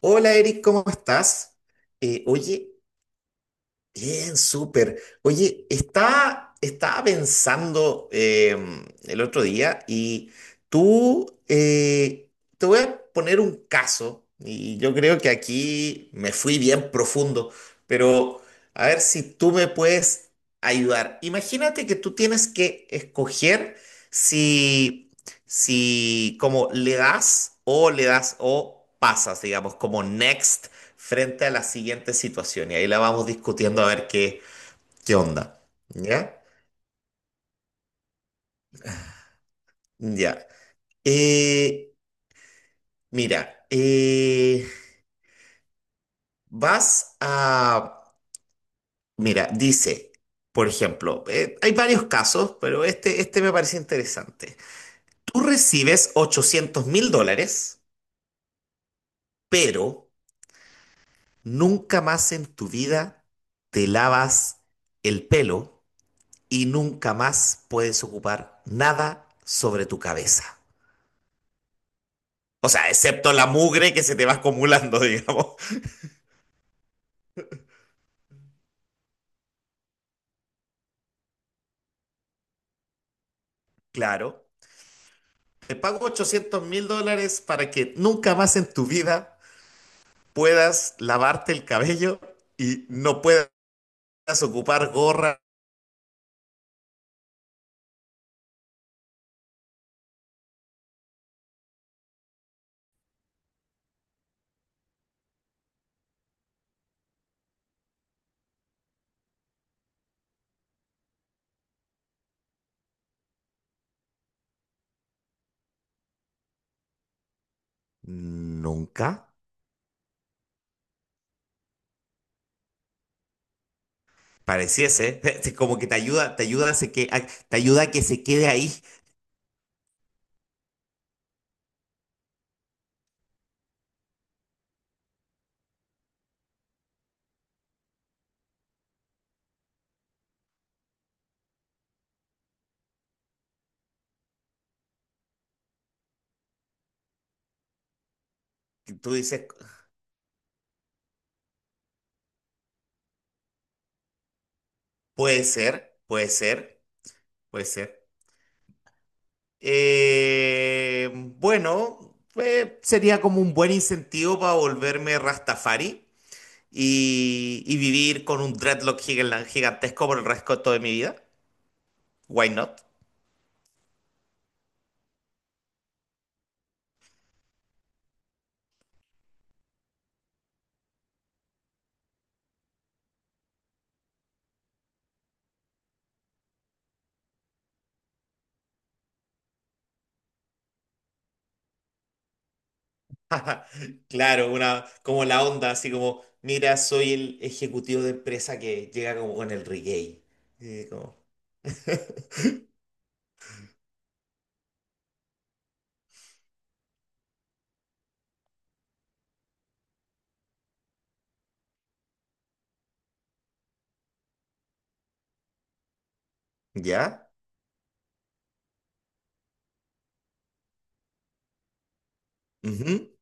Hola Eric, ¿cómo estás? Oye, bien, súper. Oye, estaba pensando el otro día y tú, te voy a poner un caso y yo creo que aquí me fui bien profundo, pero a ver si tú me puedes ayudar. Imagínate que tú tienes que escoger si, si como le das o pasas, digamos, como next frente a la siguiente situación y ahí la vamos discutiendo a ver qué onda. ¿Ya? Ya. Eh, Mira, vas a... Mira, dice, por ejemplo, hay varios casos, pero este me parece interesante. Tú recibes $800,000, pero nunca más en tu vida te lavas el pelo y nunca más puedes ocupar nada sobre tu cabeza. O sea, excepto la mugre que se te va acumulando, digamos. Claro. Te pago $800,000 para que nunca más en tu vida puedas lavarte el cabello y no puedas ocupar gorra nunca. Pareciese, como que te ayuda a, se que, a- te ayuda a que se quede ahí. Tú dices, puede ser, puede ser, puede ser. Bueno, sería como un buen incentivo para volverme Rastafari. Y vivir con un dreadlock gigantesco por el resto de mi vida. Why not? Claro, una, como la onda, así como, mira, soy el ejecutivo de empresa que llega como con el reggae. Y como, ¿Ya? Ujú.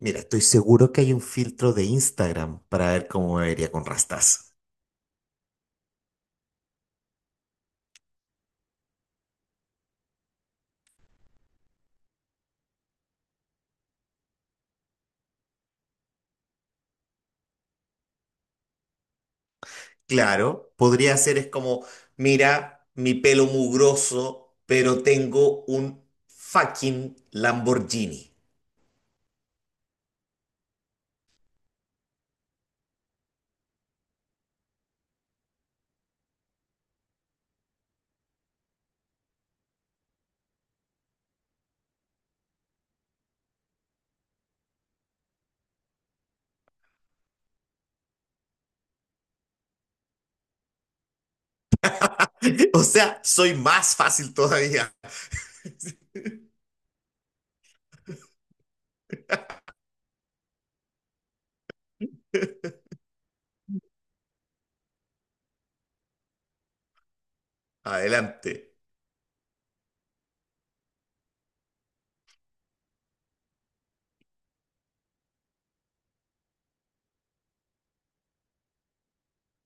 Mira, estoy seguro que hay un filtro de Instagram para ver cómo me vería con rastas. Claro, podría ser es como, mira, mi pelo mugroso, pero tengo un fucking Lamborghini. O sea, soy más fácil todavía. Adelante.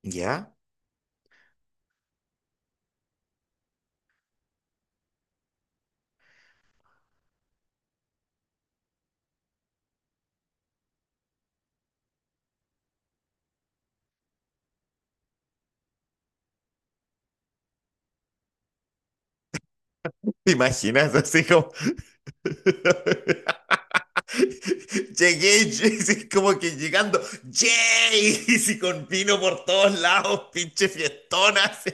¿Ya? ¿Te imaginas así como... Llegué, sí, como que llegando, ¡yay! Y si con vino por todos lados, pinche fiestona. así.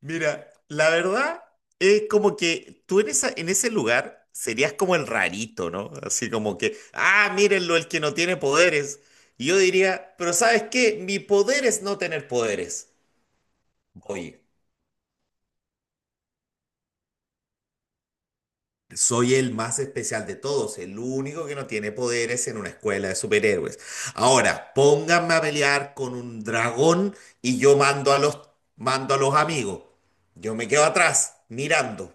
Mira, la verdad es como que tú en ese lugar serías como el rarito, ¿no? Así como que, ah, mírenlo, el que no tiene poderes. Y yo diría, pero ¿sabes qué? Mi poder es no tener poderes. Oye. Soy el más especial de todos, el único que no tiene poderes en una escuela de superhéroes. Ahora, pónganme a pelear con un dragón y yo mando a los amigos. Yo me quedo atrás, mirando.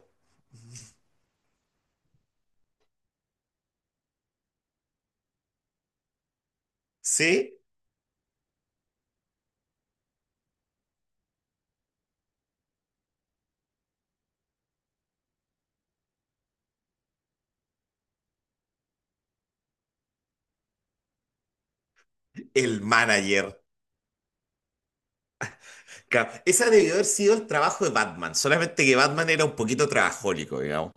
¿Sí? El manager. Esa debió haber sido el trabajo de Batman, solamente que Batman era un poquito trabajólico, digamos.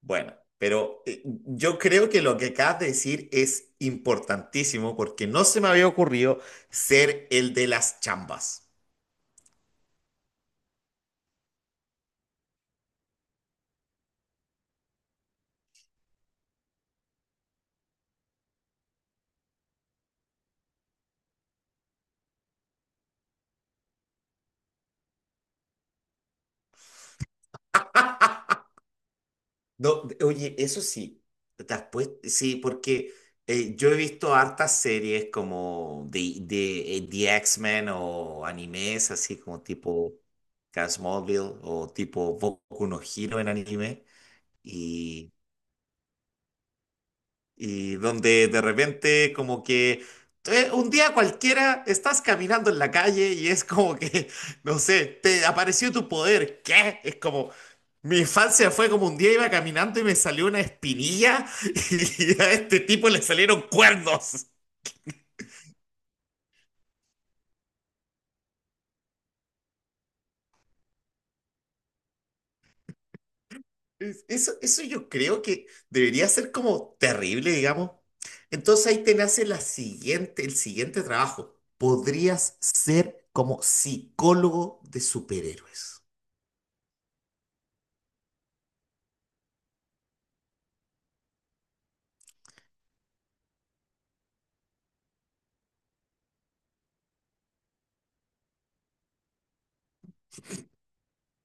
Bueno, pero yo creo que lo que acabas de decir es importantísimo porque no se me había ocurrido ser el de las chambas. No, oye, eso sí, sí, porque yo he visto hartas series como The X-Men o animes, así como tipo Casmobile o tipo Boku no Hero en anime, y donde de repente como que un día cualquiera estás caminando en la calle y es como que, no sé, te apareció tu poder. ¿Qué? Es como, mi infancia fue como un día iba caminando y me salió una espinilla y a este tipo le salieron cuernos. Eso yo creo que debería ser como terrible, digamos. Entonces ahí te nace el siguiente trabajo. Podrías ser como psicólogo de superhéroes.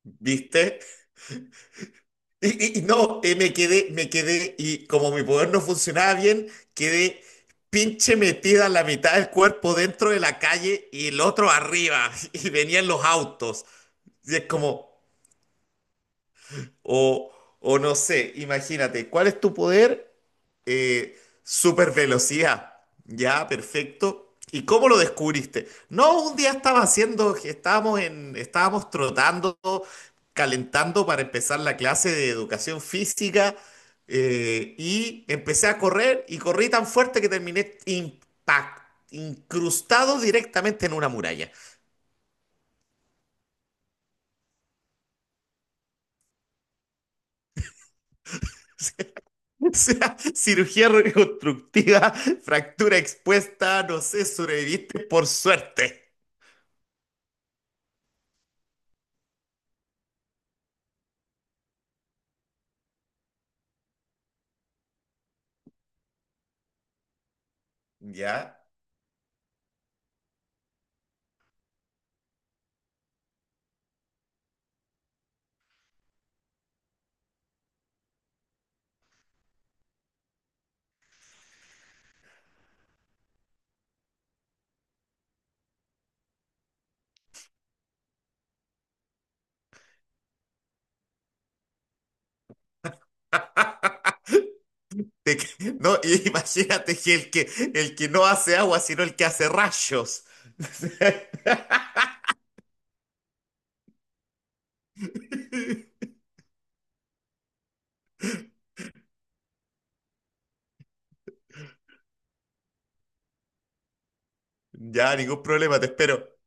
¿Viste? Y no, me quedé, y como mi poder no funcionaba bien, quedé pinche metida la mitad del cuerpo dentro de la calle y el otro arriba, y venían los autos. Y es como, O, o no sé, imagínate, ¿cuál es tu poder? Eh, Super velocidad. Ya, perfecto. ¿Y cómo lo descubriste? No, un día estaba haciendo, estábamos en, estábamos trotando, calentando para empezar la clase de educación física y empecé a correr y corrí tan fuerte que terminé incrustado directamente en una muralla. O sea, cirugía reconstructiva, fractura expuesta, no sé, sobreviviste por suerte. ¿Ya? No, y imagínate que el que no hace agua, sino el que hace rayos. Ya, ningún problema, te espero.